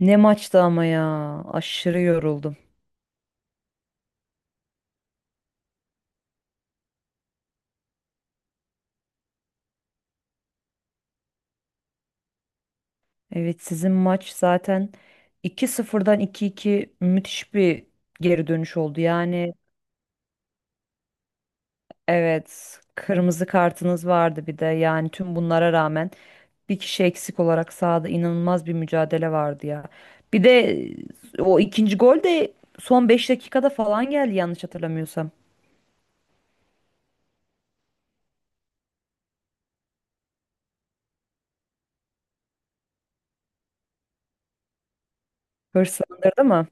Ne maçtı ama ya. Aşırı yoruldum. Evet sizin maç zaten iki sıfırdan iki iki müthiş bir geri dönüş oldu. Yani evet kırmızı kartınız vardı bir de. Yani tüm bunlara rağmen bir kişi eksik olarak sahada inanılmaz bir mücadele vardı ya. Bir de o ikinci gol de son 5 dakikada falan geldi yanlış hatırlamıyorsam. Hırslandırdı mı?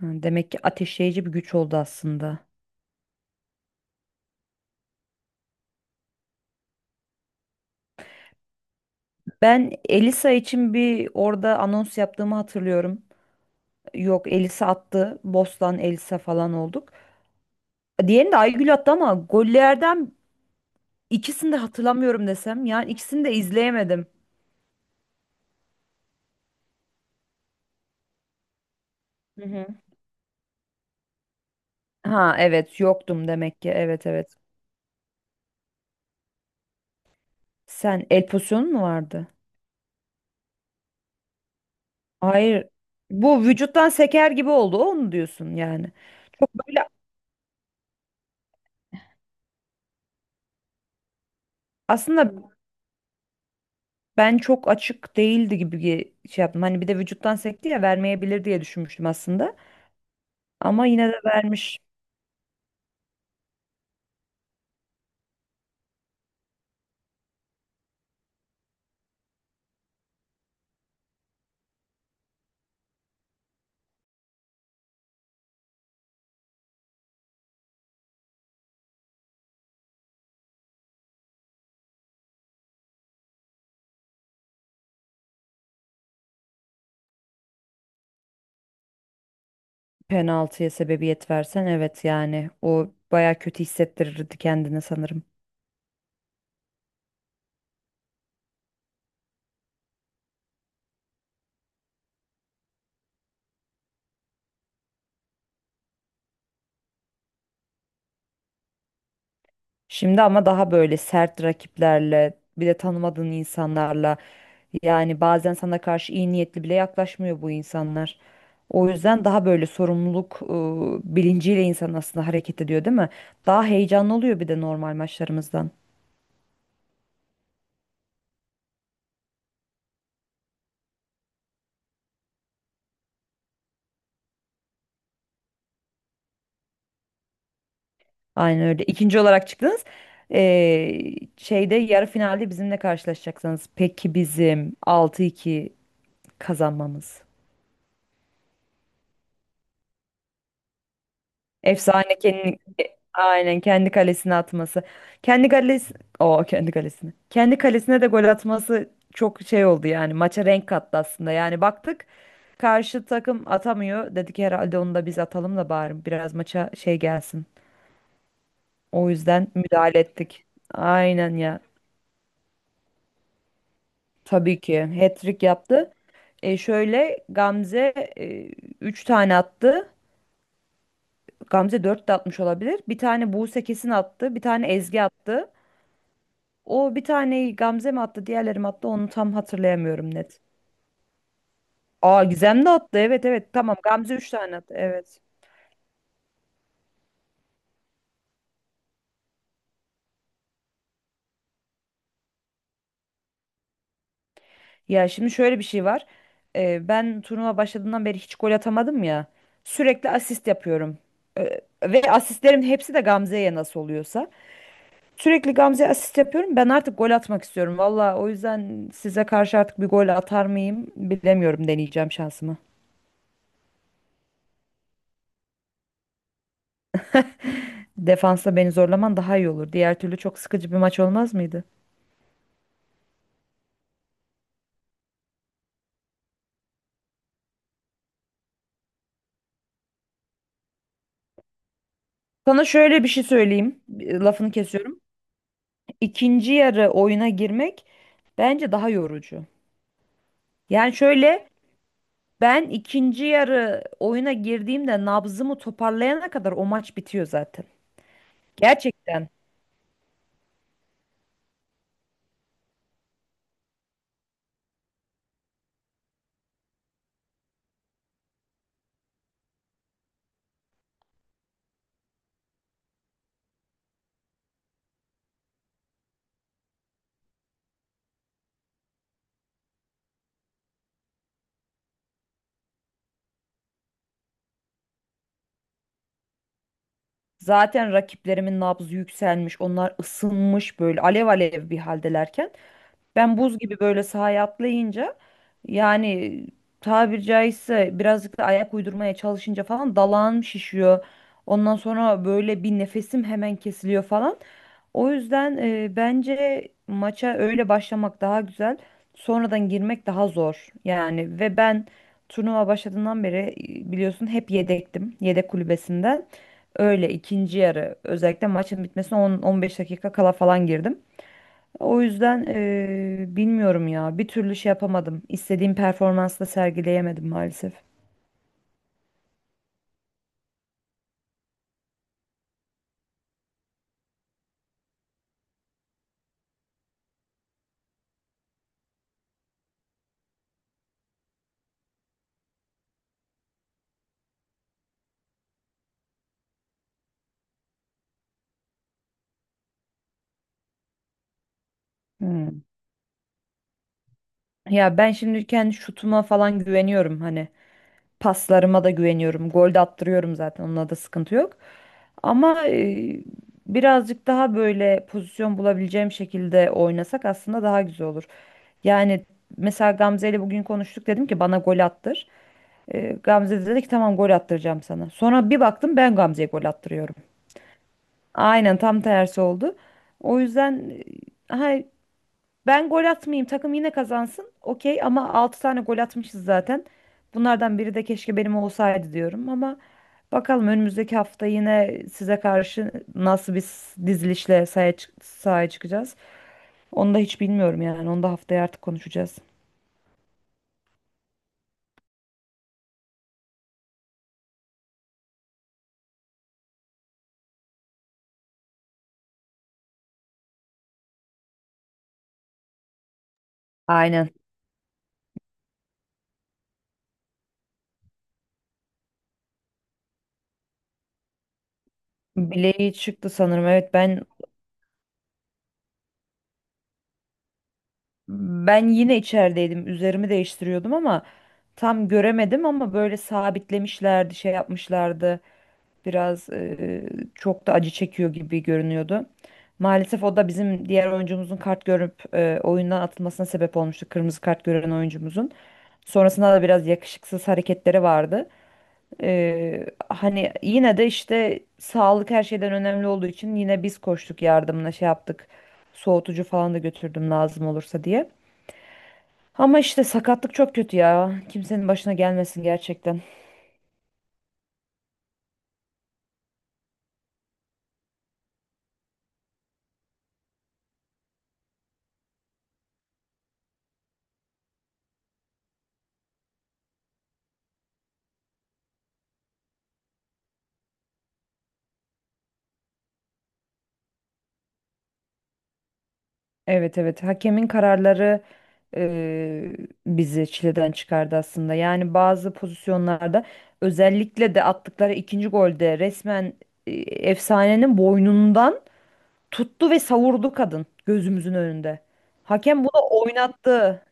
Ha, demek ki ateşleyici bir güç oldu aslında. Ben Elisa için bir orada anons yaptığımı hatırlıyorum. Yok Elisa attı. Bostan Elisa falan olduk. Diğerini de Aygül attı ama gollerden ikisini de hatırlamıyorum desem. Yani ikisini de izleyemedim. Hı hı. Ha evet yoktum demek ki. Evet evet. Sen el pozisyonu mu vardı? Hayır. Bu vücuttan seker gibi oldu. O mu diyorsun yani? Böyle aslında ben çok açık değildi gibi şey yaptım. Hani bir de vücuttan sekti ya vermeyebilir diye düşünmüştüm aslında. Ama yine de vermiş. Penaltıya sebebiyet versen evet yani o baya kötü hissettirirdi kendini sanırım. Şimdi ama daha böyle sert rakiplerle bir de tanımadığın insanlarla yani bazen sana karşı iyi niyetli bile yaklaşmıyor bu insanlar. O yüzden daha böyle sorumluluk bilinciyle insan aslında hareket ediyor değil mi? Daha heyecanlı oluyor bir de normal maçlarımızdan. Aynen öyle. İkinci olarak çıktınız. Ee, Şeyde yarı finalde bizimle karşılaşacaksınız. Peki bizim 6-2 kazanmamız. Efsane kendi aynen kendi kalesine atması. Kendi kalesi o kendi kalesine. Kendi kalesine de gol atması çok şey oldu yani maça renk kattı aslında. Yani baktık karşı takım atamıyor. Dedik herhalde onu da biz atalım da bari biraz maça şey gelsin. O yüzden müdahale ettik. Aynen ya. Tabii ki hat-trick yaptı. E şöyle Gamze e, 3 tane attı. Gamze 4 de atmış olabilir. Bir tane Buse kesin attı. Bir tane Ezgi attı. O bir taneyi Gamze mi attı, diğerleri mi attı onu tam hatırlayamıyorum net. Aa Gizem de attı. Evet evet tamam Gamze 3 tane attı. Evet. Ya şimdi şöyle bir şey var. Ben turnuva başladığından beri hiç gol atamadım ya. Sürekli asist yapıyorum. Ve asistlerim hepsi de Gamze'ye nasıl oluyorsa. Sürekli Gamze'ye asist yapıyorum. Ben artık gol atmak istiyorum. Valla o yüzden size karşı artık bir gol atar mıyım bilemiyorum deneyeceğim şansımı. Defansa beni zorlaman daha iyi olur. Diğer türlü çok sıkıcı bir maç olmaz mıydı? Sana şöyle bir şey söyleyeyim. Lafını kesiyorum. İkinci yarı oyuna girmek bence daha yorucu. Yani şöyle ben ikinci yarı oyuna girdiğimde nabzımı toparlayana kadar o maç bitiyor zaten. Gerçekten. Zaten rakiplerimin nabzı yükselmiş. Onlar ısınmış böyle alev alev bir haldelerken. Ben buz gibi böyle sahaya atlayınca yani tabiri caizse birazcık da ayak uydurmaya çalışınca falan dalağım şişiyor. Ondan sonra böyle bir nefesim hemen kesiliyor falan. O yüzden bence maça öyle başlamak daha güzel. Sonradan girmek daha zor. Yani ve ben turnuva başladığından beri biliyorsun hep yedektim. Yedek kulübesinden. Öyle ikinci yarı özellikle maçın bitmesine 10-15 dakika kala falan girdim. O yüzden bilmiyorum ya. Bir türlü şey yapamadım. İstediğim performansla sergileyemedim maalesef. Hmm. Ya ben şimdi kendi şutuma falan güveniyorum hani. Paslarıma da güveniyorum. Gol de attırıyorum zaten. Onunla da sıkıntı yok. Ama birazcık daha böyle pozisyon bulabileceğim şekilde oynasak aslında daha güzel olur. Yani mesela Gamze ile bugün konuştuk dedim ki bana gol attır. Gamze de dedi ki tamam gol attıracağım sana. Sonra bir baktım ben Gamze'ye gol attırıyorum. Aynen tam tersi oldu. O yüzden e, ha, ben gol atmayayım takım yine kazansın. Okey ama 6 tane gol atmışız zaten. Bunlardan biri de keşke benim olsaydı diyorum ama bakalım önümüzdeki hafta yine size karşı nasıl bir dizilişle sahaya çıkacağız. Onu da hiç bilmiyorum yani. Onu da haftaya artık konuşacağız. Aynen. Bileği çıktı sanırım. Ben yine içerideydim. Üzerimi değiştiriyordum ama tam göremedim ama böyle sabitlemişlerdi, şey yapmışlardı. Biraz çok da acı çekiyor gibi görünüyordu. Maalesef o da bizim diğer oyuncumuzun kart görüp oyundan atılmasına sebep olmuştu. Kırmızı kart gören oyuncumuzun. Sonrasında da biraz yakışıksız hareketleri vardı. E, hani yine de işte sağlık her şeyden önemli olduğu için yine biz koştuk yardımına şey yaptık. Soğutucu falan da götürdüm lazım olursa diye. Ama işte sakatlık çok kötü ya. Kimsenin başına gelmesin gerçekten. Evet evet hakemin kararları eee, bizi çileden çıkardı aslında. Yani bazı pozisyonlarda özellikle de attıkları ikinci golde resmen e, efsanenin boynundan tuttu ve savurdu kadın gözümüzün önünde. Hakem bunu oynattı.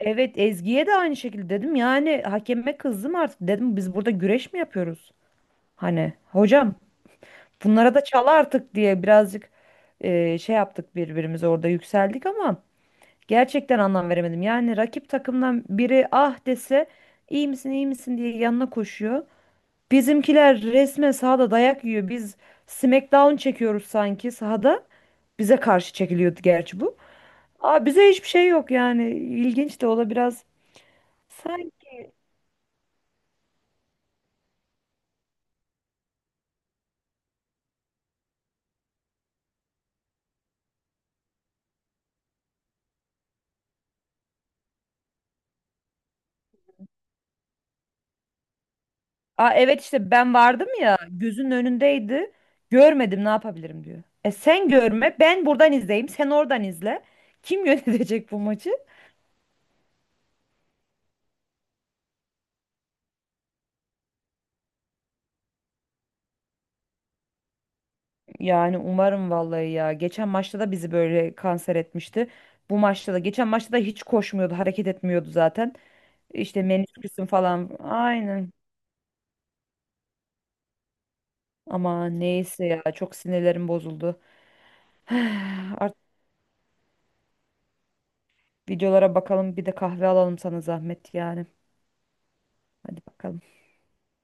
Evet Ezgi'ye de aynı şekilde dedim. Yani hakeme kızdım artık dedim biz burada güreş mi yapıyoruz? Hani hocam bunlara da çal artık diye birazcık şey yaptık birbirimize orada yükseldik ama gerçekten anlam veremedim. Yani rakip takımdan biri ah dese iyi misin iyi misin diye yanına koşuyor. Bizimkiler resmen sahada dayak yiyor. Biz Smackdown çekiyoruz sanki sahada. Bize karşı çekiliyordu gerçi bu. Aa, bize hiçbir şey yok yani. İlginç de o da biraz aa, evet işte ben vardım ya gözünün önündeydi. Görmedim ne yapabilirim diyor. E sen görme ben buradan izleyeyim sen oradan izle. Kim yönetecek bu maçı? Yani umarım vallahi ya. Geçen maçta da bizi böyle kanser etmişti. Bu maçta da geçen maçta da hiç koşmuyordu hareket etmiyordu zaten. İşte menisküsün falan aynen. Ama neyse ya çok sinirlerim bozuldu. Artık videolara bakalım bir de kahve alalım sana zahmet yani. Hadi bakalım.